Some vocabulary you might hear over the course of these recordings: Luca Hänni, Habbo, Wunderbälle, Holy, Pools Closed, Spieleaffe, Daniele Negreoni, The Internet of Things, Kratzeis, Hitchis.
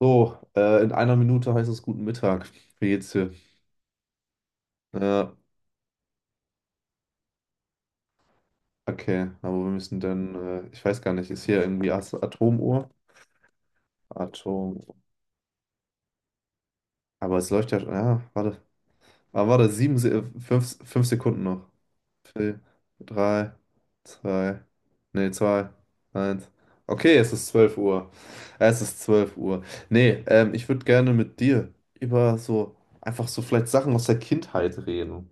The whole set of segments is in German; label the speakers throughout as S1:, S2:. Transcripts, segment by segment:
S1: So, in einer Minute heißt es guten Mittag. Wie geht's dir? Ja, okay, aber wir müssen dann, ich weiß gar nicht, ist hier irgendwie Atomuhr? Atom. Aber es läuft ja schon, ja, warte. Aber warte, sieben, fünf Sekunden noch. Vier, drei, zwei, nee, zwei, eins. Okay, es ist 12 Uhr. Es ist 12 Uhr. Nee, ich würde gerne mit dir über so, einfach so vielleicht Sachen aus der Kindheit reden.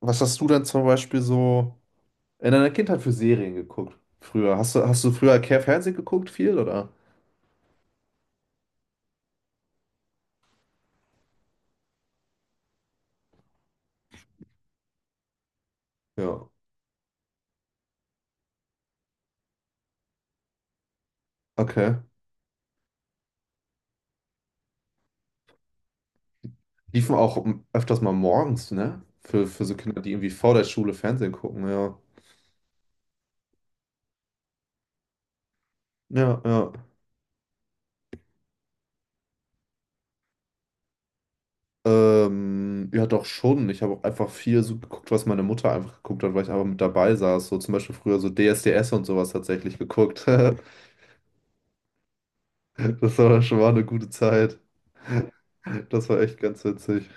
S1: Was hast du denn zum Beispiel so in deiner Kindheit für Serien geguckt? Früher. Hast du früher Care Fernsehen geguckt viel, oder? Ja. Okay. Liefen auch öfters mal morgens, ne? Für so Kinder, die irgendwie vor der Schule Fernsehen gucken, ja. Ja, ja. Ja, doch schon. Ich habe auch einfach viel so geguckt, was meine Mutter einfach geguckt hat, weil ich einfach mit dabei saß. So zum Beispiel früher so DSDS und sowas tatsächlich geguckt. Das war schon mal eine gute Zeit. Das war echt ganz witzig.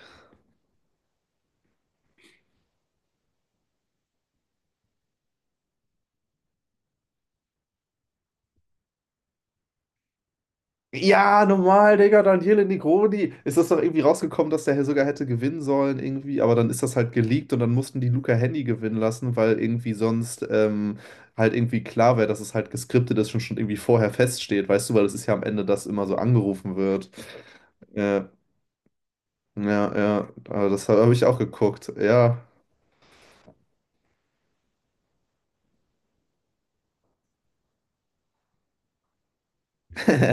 S1: Ja, normal, Digga, Daniele Negreoni. Ist das doch irgendwie rausgekommen, dass der sogar hätte gewinnen sollen, irgendwie. Aber dann ist das halt geleakt und dann mussten die Luca Hänni gewinnen lassen, weil irgendwie sonst halt irgendwie klar wäre, dass es halt geskriptet ist und schon irgendwie vorher feststeht, weißt du, weil das ist ja am Ende, das immer so angerufen wird. Ja, ja, ja. Aber das hab ich auch geguckt. Ja.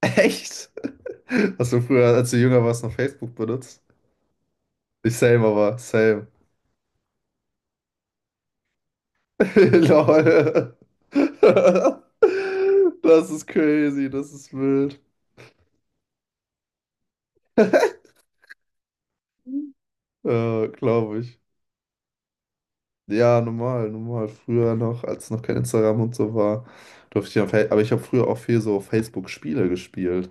S1: Echt? Hast du früher, als du jünger warst, noch Facebook benutzt? Ich same, aber same. Lol. Das ist crazy, das ist wild. Ja, glaube ich. Ja, normal, normal. Früher noch, als noch kein Instagram und so war, durfte ich auf, Fa- aber ich habe früher auch viel so auf Facebook-Spiele gespielt.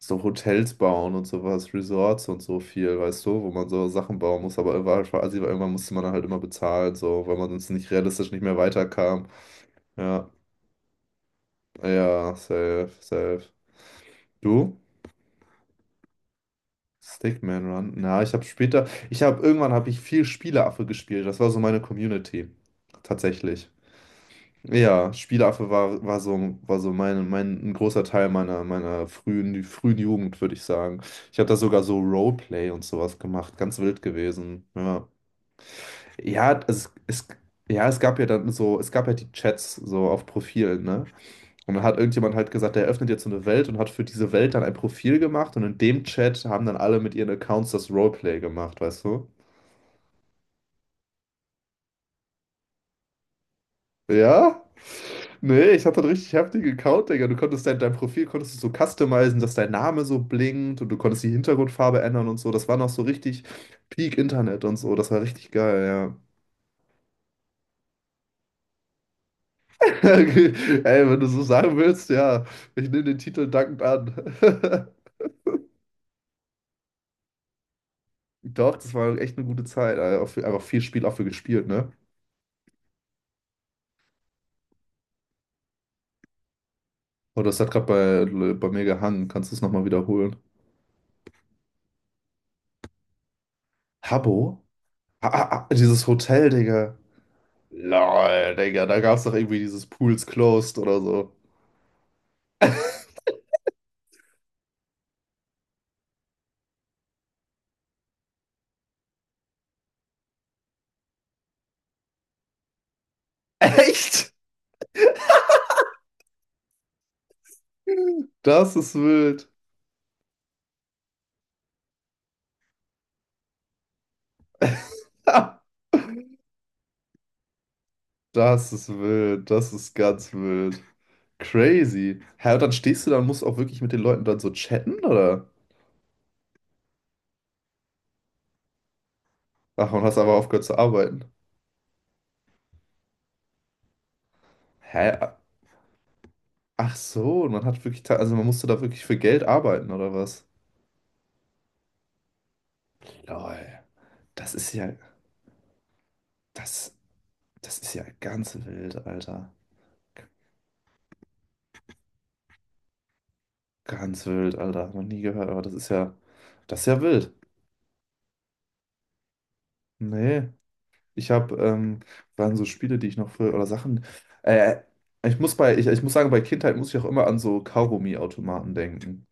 S1: So Hotels bauen und sowas, Resorts und so viel, weißt du, wo man so Sachen bauen muss, aber war einfach assi, weil irgendwann musste man dann halt immer bezahlen, so, weil man sonst nicht realistisch nicht mehr weiterkam. Ja, ja, safe, safe. Du? Stickman Run. Na, ich habe irgendwann habe ich viel Spieleaffe gespielt. Das war so meine Community. Tatsächlich. Ja, Spieleaffe war so ein großer Teil meiner frühen Jugend, würde ich sagen. Ich habe da sogar so Roleplay und sowas gemacht. Ganz wild gewesen. Ja. Ja, es gab ja die Chats so auf Profilen, ne? Und dann hat irgendjemand halt gesagt, der öffnet jetzt so eine Welt und hat für diese Welt dann ein Profil gemacht und in dem Chat haben dann alle mit ihren Accounts das Roleplay gemacht, weißt du? Ja? Nee, ich hatte einen richtig heftigen Account, Digga. Du konntest dein Profil konntest du so customizen, dass dein Name so blinkt und du konntest die Hintergrundfarbe ändern und so. Das war noch so richtig Peak Internet und so. Das war richtig geil, ja. Ey, wenn du so sagen willst, ja. Ich nehme den Titel dankend an. Doch, das war echt eine gute Zeit. Alter. Auch einfach viel Spiel auch für gespielt, ne? Oh, das hat gerade bei mir gehangen. Kannst du es nochmal wiederholen? Habbo? Ah, ah, ah, dieses Hotel, Digga. Lol, Digga, da gab es doch irgendwie dieses Pools Closed oder so. Echt? Das ist wild. Das ist wild. Das ist ganz wild. Crazy. Hä, und dann stehst du da und musst auch wirklich mit den Leuten dann so chatten, oder? Ach, und hast aber aufgehört zu arbeiten. Hä? Ach so, und man hat wirklich, also man musste da wirklich für Geld arbeiten, oder was? Lol. Das ist ja. Das. Das ist ja ganz wild, Alter. Ganz wild, Alter. Hab noch nie gehört, aber das ist ja wild. Nee, ich habe, waren so Spiele, die ich noch für, oder Sachen, äh, ich muss sagen, bei Kindheit muss ich auch immer an so Kaugummi-Automaten denken.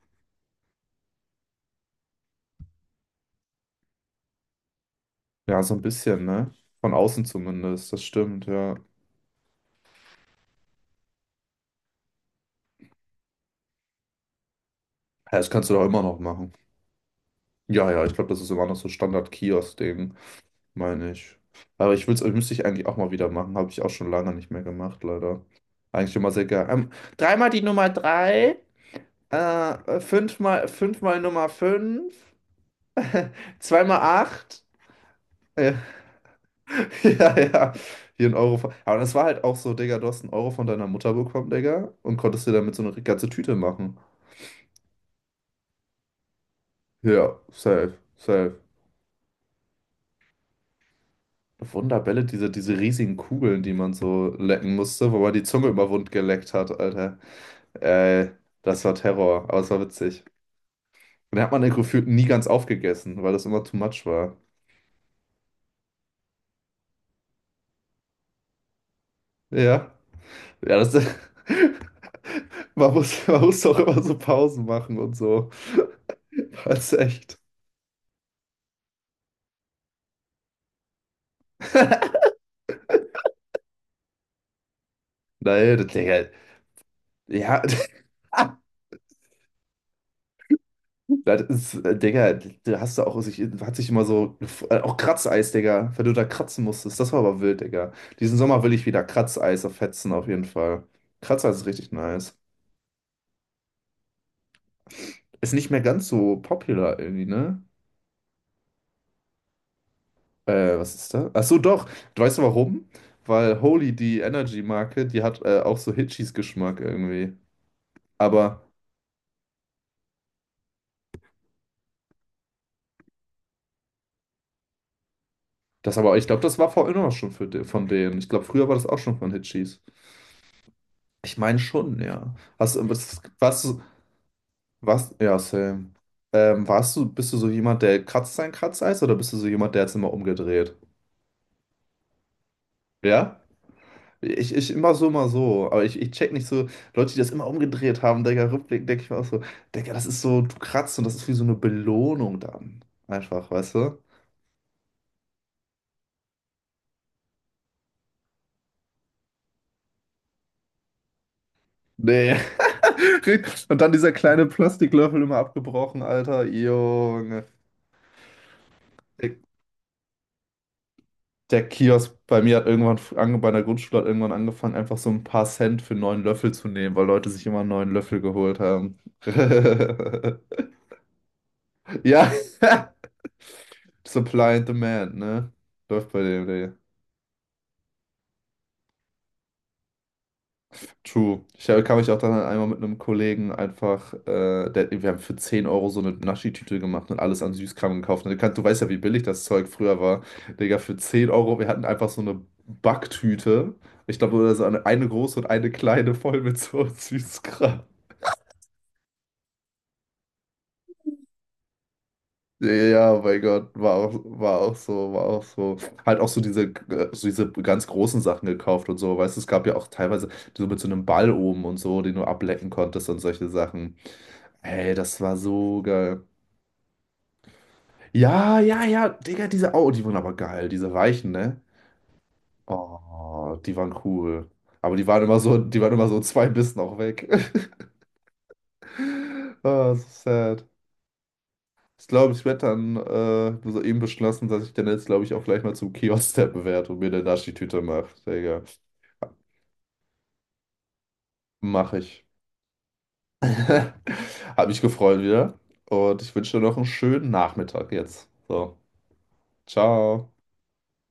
S1: Ja, so ein bisschen, ne? Von außen zumindest, das stimmt, ja. Ja, das kannst du doch immer noch machen. Ja, ja, ich glaube, das ist immer noch so Standard-Kiosk-Ding, meine ich. Aber ich will's, müsste ich eigentlich auch mal wieder machen. Habe ich auch schon lange nicht mehr gemacht, leider. Eigentlich immer sehr geil. Dreimal die Nummer 3, fünfmal Nummer 5, zweimal 8. Äh, ja, ja. Hier ein Euro. Aber das war halt auch so, Digga, du hast einen Euro von deiner Mutter bekommen, Digga, und konntest dir damit so eine ganze Tüte machen. Ja, safe, safe. Wunderbälle, diese riesigen Kugeln, die man so lecken musste, wo man die Zunge immer wund geleckt hat, Alter. Äh, das war Terror, aber es war witzig. Und da hat man den gefühlt nie ganz aufgegessen, weil das immer too much war. Ja. Ja, das man muss doch immer so Pausen machen und so. Das ist echt. Nein, das, Digga. Ja, Das ist, Digga, da hast du auch sich, hat sich immer so, auch Kratzeis, Digga, wenn du da kratzen musstest, das war aber wild, Digga. Diesen Sommer will ich wieder Kratzeis auf fetzen, auf jeden Fall. Kratzeis ist richtig nice. Ist nicht mehr ganz so popular irgendwie, ne? Was ist da? Ach so, doch. Du weißt du warum? Weil Holy, die Energy-Marke, die hat auch so Hitchis-Geschmack irgendwie. Aber, das aber, ich glaube, das war vorhin auch schon für, von denen. Ich glaube, früher war das auch schon von Hitchis. Ich meine schon, ja. Hast, du- was, was, Was? Ja, same. Bist du so jemand, der kratzt sein Kratzeis oder bist du so jemand, der jetzt immer umgedreht? Ja? Ich immer so, immer so. Aber ich check nicht so, Leute, die das immer umgedreht haben, Digga, rückblickend denke ich mir auch so, Digga, das ist so, du kratzt und das ist wie so eine Belohnung dann. Einfach, weißt du? Nee. Und dann dieser kleine Plastiklöffel immer abgebrochen, Alter. Junge. Der Kiosk bei mir hat irgendwann, bei der Grundschule hat irgendwann angefangen, einfach so ein paar Cent für einen neuen Löffel zu nehmen, weil Leute sich immer einen neuen Löffel geholt haben. Ja, Supply and Demand, ne? Läuft bei dem, Digga. True. Ich kam mich auch dann einmal mit einem Kollegen einfach, wir haben für 10 Euro so eine Naschi-Tüte gemacht und alles an Süßkram gekauft. Und du weißt ja, wie billig das Zeug früher war. Digga, für 10 Euro, wir hatten einfach so eine Backtüte. Ich glaube, oder so eine große und eine kleine voll mit so Süßkram. Ja, ja, ja, oh mein Gott, war auch so, war auch so. Halt auch so diese ganz großen Sachen gekauft und so, weißt du, es gab ja auch teilweise so mit so einem Ball oben und so, den du ablecken konntest und solche Sachen. Ey, das war so geil. Ja, ja, ja, Digga, die waren aber geil, diese Weichen, ne? Oh, die waren cool. Aber die waren immer so zwei Bissen auch weg. Ah, so sad. Ich glaube, ich werde dann soeben beschlossen, dass ich dann jetzt, glaube ich, auch gleich mal zum Kiosk steppen werde und mir eine Naschi-Tüte mache. Digga, mach ich. Hab mich gefreut wieder. Und ich wünsche dir noch einen schönen Nachmittag jetzt. So, ciao.